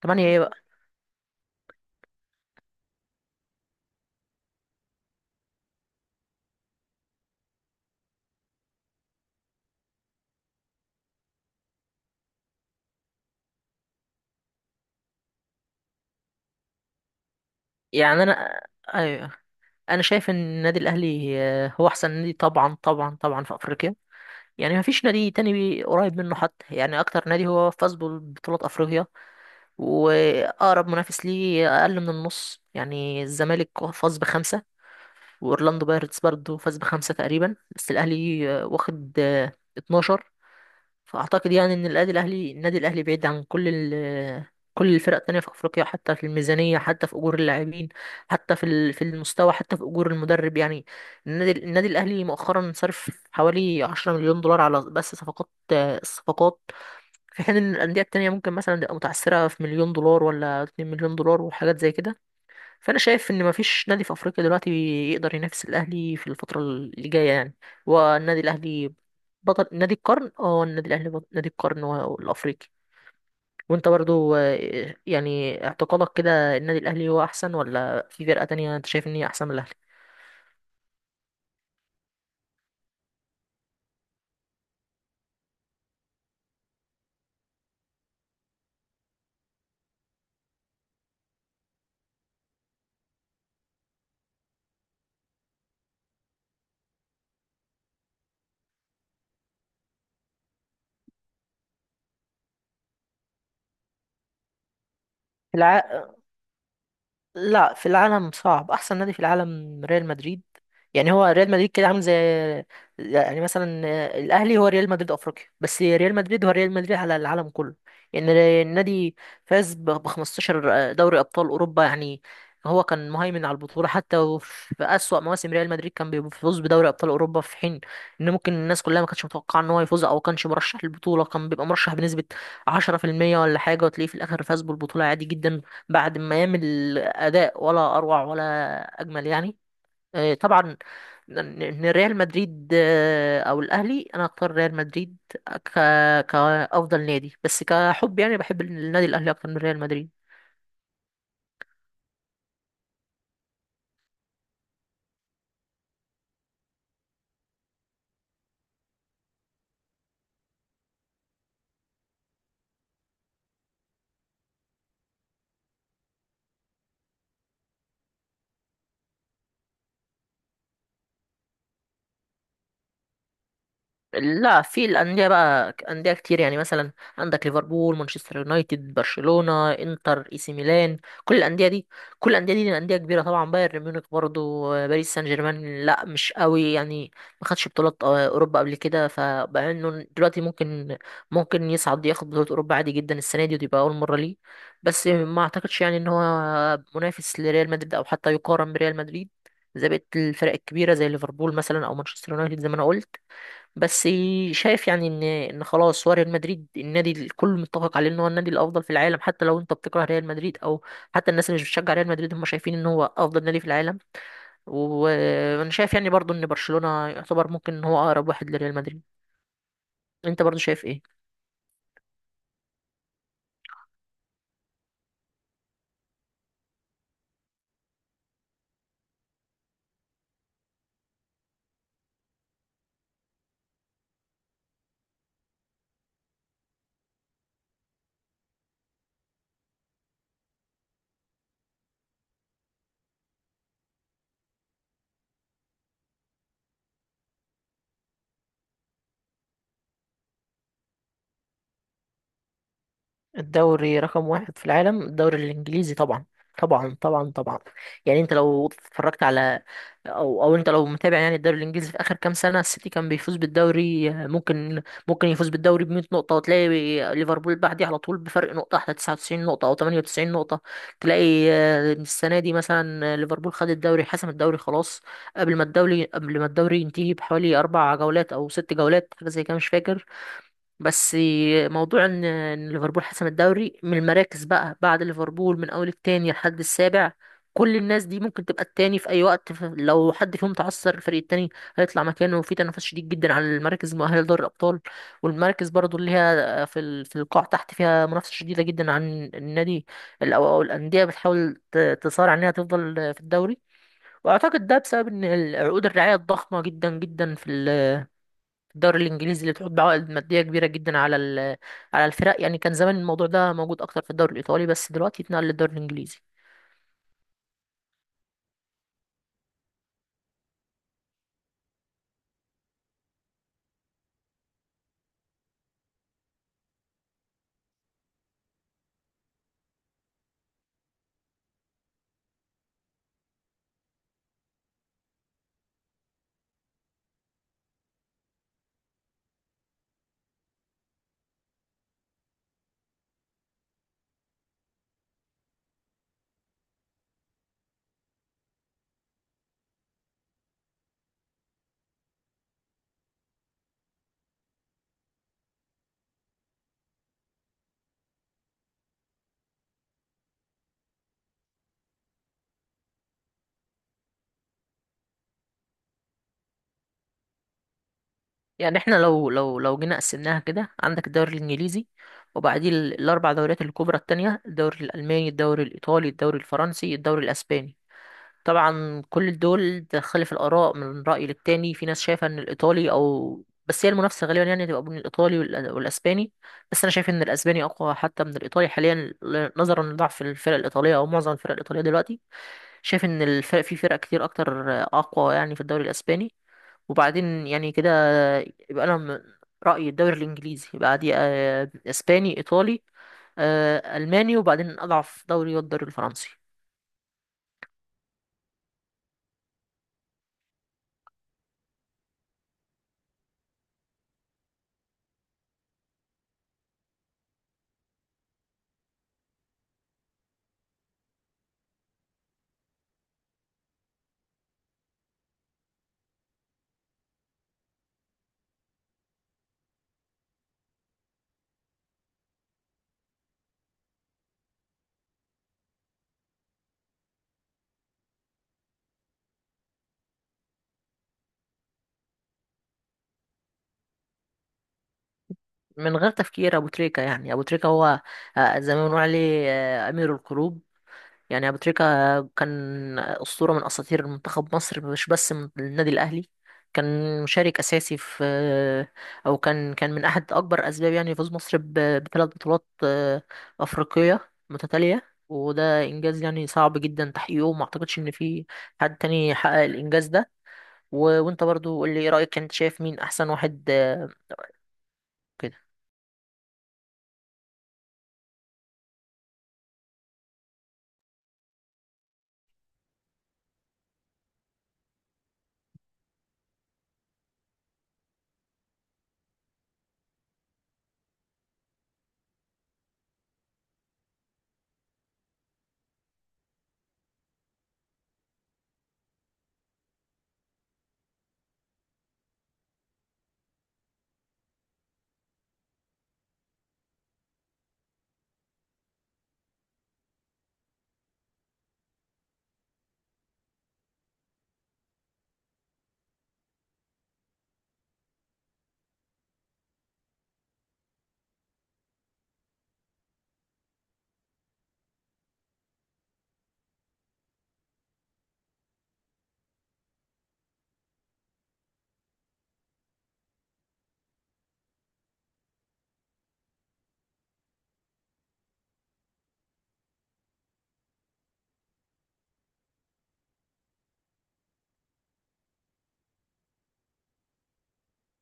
تمانية ايه بقى؟ يعني، ايوه، انا شايف ان النادي الاهلي هو احسن نادي، طبعا طبعا طبعا، في افريقيا. يعني مفيش نادي تاني قريب منه، حتى يعني اكتر نادي هو فاز ببطولات افريقيا، واقرب منافس ليه اقل من النص. يعني الزمالك فاز بخمسة، واورلاندو بايرتس برضه فاز بخمسة تقريبا، بس الاهلي واخد 12. فاعتقد يعني ان النادي الاهلي بعيد عن كل الفرق التانية في افريقيا، حتى في الميزانية، حتى في اجور اللاعبين، حتى في في المستوى، حتى في اجور المدرب يعني. النادي الاهلي مؤخرا صرف حوالي 10 مليون دولار على بس صفقات الصفقات. في حين ان الاندية التانية ممكن مثلا تبقى متعثرة في مليون دولار ولا 2 مليون دولار وحاجات زي كده. فانا شايف ان مفيش نادي في افريقيا دلوقتي يقدر ينافس الاهلي في الفتره اللي جايه يعني. والنادي الاهلي بطل نادي القرن، النادي الاهلي بطل نادي القرن الافريقي. وانت برضو يعني اعتقادك كده، النادي الاهلي هو احسن، ولا في فرقه تانية انت شايف ان هي احسن من الاهلي؟ الع... لا، في العالم صعب. احسن نادي في العالم ريال مدريد. يعني هو ريال مدريد كده عامل زي، يعني مثلا، الاهلي هو ريال مدريد افريقيا، بس ريال مدريد هو ريال مدريد على العالم كله. يعني النادي فاز ب 15 دوري ابطال اوروبا يعني. هو كان مهيمن على البطوله. حتى وفي اسوأ مواسم ريال مدريد كان بيفوز بدوري ابطال اوروبا، في حين ان ممكن الناس كلها ما كانتش متوقعه ان هو يفوز، او كانش مرشح للبطوله، كان بيبقى مرشح بنسبه 10% ولا حاجه، وتلاقيه في الاخر فاز بالبطوله عادي جدا، بعد ما يعمل اداء ولا اروع ولا اجمل يعني. طبعا إن ريال مدريد او الاهلي، انا اختار ريال مدريد ك... كافضل نادي، بس كحب يعني بحب النادي الاهلي اكتر من ريال مدريد. لا، في الأندية بقى أندية كتير يعني، مثلا عندك ليفربول، مانشستر يونايتد، برشلونة، انتر، اي سي ميلان. كل الأندية دي أندية كبيرة، طبعا بايرن ميونخ برضو، باريس سان جيرمان لا مش قوي يعني. ما خدش بطولات أوروبا قبل كده، فبقى إنه دلوقتي ممكن يصعد ياخد بطولة أوروبا عادي جدا السنة دي، ودي بقى أول مرة ليه. بس ما أعتقدش يعني إن هو منافس لريال مدريد، أو حتى يقارن بريال مدريد زي بقية الفرق الكبيرة زي ليفربول مثلا أو مانشستر يونايتد زي ما أنا قلت. بس شايف يعني ان خلاص هو ريال مدريد، النادي الكل متفق عليه ان هو النادي الافضل في العالم، حتى لو انت بتكره ريال مدريد، او حتى الناس اللي مش بتشجع ريال مدريد هم شايفين ان هو افضل نادي في العالم. وانا شايف يعني برضو ان برشلونة يعتبر ممكن ان هو اقرب واحد لريال مدريد. انت برضو شايف ايه؟ الدوري رقم واحد في العالم الدوري الإنجليزي طبعا، طبعا طبعا طبعا. يعني انت لو اتفرجت على، او انت لو متابع يعني الدوري الانجليزي في اخر كام سنه، السيتي كان بيفوز بالدوري، ممكن يفوز بالدوري ب 100 نقطه، وتلاقي ليفربول بعديه على طول بفرق نقطه احلى، 99 نقطه او 98 نقطه. تلاقي السنه دي مثلا ليفربول خد الدوري، حسم الدوري خلاص قبل ما الدوري ينتهي بحوالي اربع جولات او ست جولات، حاجه زي كده، مش فاكر. بس موضوع إن ليفربول حسم الدوري، من المراكز بقى بعد ليفربول من اول التاني لحد السابع كل الناس دي ممكن تبقى التاني في اي وقت. لو حد فيهم تعثر، الفريق التاني هيطلع مكانه. وفي تنافس شديد جدا على المراكز المؤهله لدوري الابطال، والمراكز برضو اللي هي في في القاع تحت فيها منافسه شديده جدا عن النادي او أو الانديه بتحاول تصارع انها تفضل في الدوري. واعتقد ده بسبب ان عقود الرعايه الضخمه جدا جدا في الدوري الانجليزي اللي بتحط بعوائد ماديه كبيره جدا على على الفرق يعني. كان زمان الموضوع ده موجود اكتر في الدوري الايطالي، بس دلوقتي اتنقل للدوري الانجليزي. يعني احنا لو جينا قسمناها كده، عندك الدوري الانجليزي، وبعديه الاربع دوريات الكبرى التانية، الدوري الالماني، الدوري الايطالي، الدوري الفرنسي، الدوري الاسباني. طبعا كل دول تختلف الآراء من رأي للتاني، في ناس شايفة إن الإيطالي أو، بس هي المنافسة غالبا يعني تبقى بين الإيطالي والأسباني. بس أنا شايف إن الأسباني أقوى حتى من الإيطالي حاليا، نظرا لضعف الفرق الإيطالية أو معظم الفرق الإيطالية دلوقتي. شايف إن الفرق، في فرق كتير أكتر، أقوى يعني في الدوري الأسباني. وبعدين يعني كده يبقى أنا من رأيي الدوري الإنجليزي، يبقى عادي أسباني، إيطالي، ألماني. وبعدين أضعف دوري هو الدوري الفرنسي. من غير تفكير ابو تريكة. يعني ابو تريكة هو زي ما بنقول عليه امير القلوب. يعني ابو تريكة كان اسطوره من اساطير منتخب مصر، مش بس من النادي الاهلي. كان مشارك اساسي في او كان من احد اكبر اسباب يعني فوز مصر بثلاث بطولات افريقيه متتاليه، وده انجاز يعني صعب جدا تحقيقه، وما اعتقدش ان في حد تاني حقق الانجاز ده. وانت برضو قول لي ايه رايك، انت شايف مين احسن واحد كده؟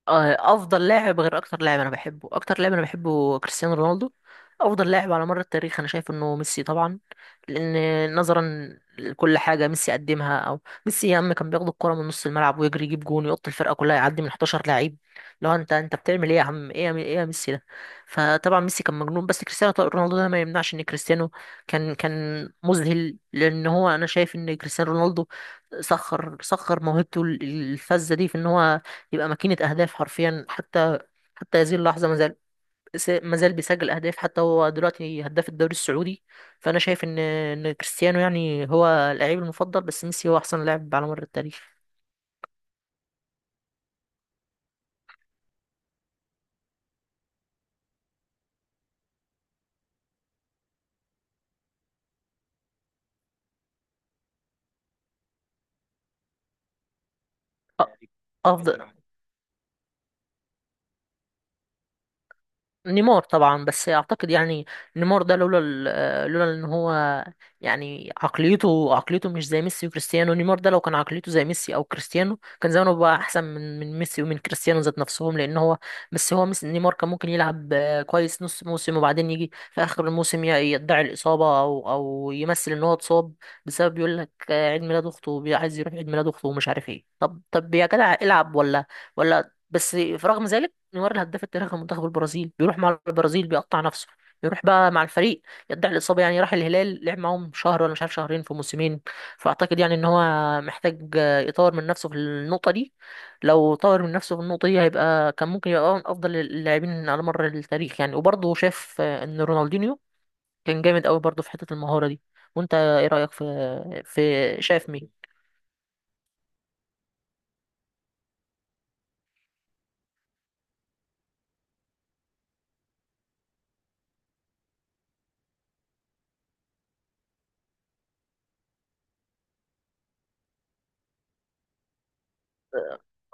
افضل لاعب غير اكتر لاعب انا بحبه. اكتر لاعب انا بحبه كريستيانو رونالدو. افضل لاعب على مر التاريخ انا شايف انه ميسي طبعا، لان نظرا لكل حاجه ميسي قدمها. او ميسي يا عم كان بياخد الكره من نص الملعب ويجري يجيب جون، يقط الفرقه كلها، يعدي من 11 لعيب. لو انت بتعمل ايه يا عم، ايه يا، ايه يا ميسي ده؟ فطبعا ميسي كان مجنون، بس كريستيانو طبعاً رونالدو ده ما يمنعش ان كريستيانو كان مذهل. لان هو انا شايف ان كريستيانو رونالدو سخر موهبته الفذه دي في ان هو يبقى ماكينة أهداف حرفيا. حتى هذه اللحظة مازال بيسجل أهداف، حتى هو دلوقتي هداف الدوري السعودي. فأنا شايف إن كريستيانو يعني هو اللعيب المفضل، بس ميسي هو أحسن لاعب على مر التاريخ. أ- أفضل، نيمار طبعا. بس اعتقد يعني نيمار ده لولا ان هو، يعني عقليته مش زي ميسي وكريستيانو. نيمار ده لو كان عقليته زي ميسي او كريستيانو كان زمانه بقى احسن من ميسي ومن كريستيانو ذات نفسهم، لان هو، بس هو ميسي، نيمار كان ممكن يلعب كويس نص موسم، وبعدين يجي في اخر الموسم يدعي الاصابه او يمثل ان هو اتصاب، بسبب يقول لك عيد ميلاد اخته، عايز يروح عيد ميلاد اخته ومش عارف ايه. طب طب يا جدع العب، ولا بس. في رغم ذلك نيمار الهداف التاريخي لمنتخب البرازيل بيروح مع البرازيل بيقطع نفسه، يروح بقى مع الفريق يدعي الإصابة. يعني راح الهلال لعب معاهم شهر ولا مش عارف شهرين في موسمين. فأعتقد يعني إن هو محتاج يطور من نفسه في النقطة دي. لو طور من نفسه في النقطة دي هيبقى كان ممكن يبقى من أفضل اللاعبين على مر التاريخ يعني. وبرضه شاف إن رونالدينيو كان جامد أوي برضه في حتة المهارة دي. وأنت إيه رأيك في شايف مين؟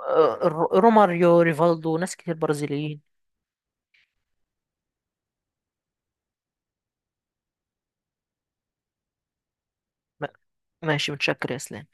روماريو، ريفالدو، ناس كتير برازيليين. ما- ماشي، متشكر يا اسلام.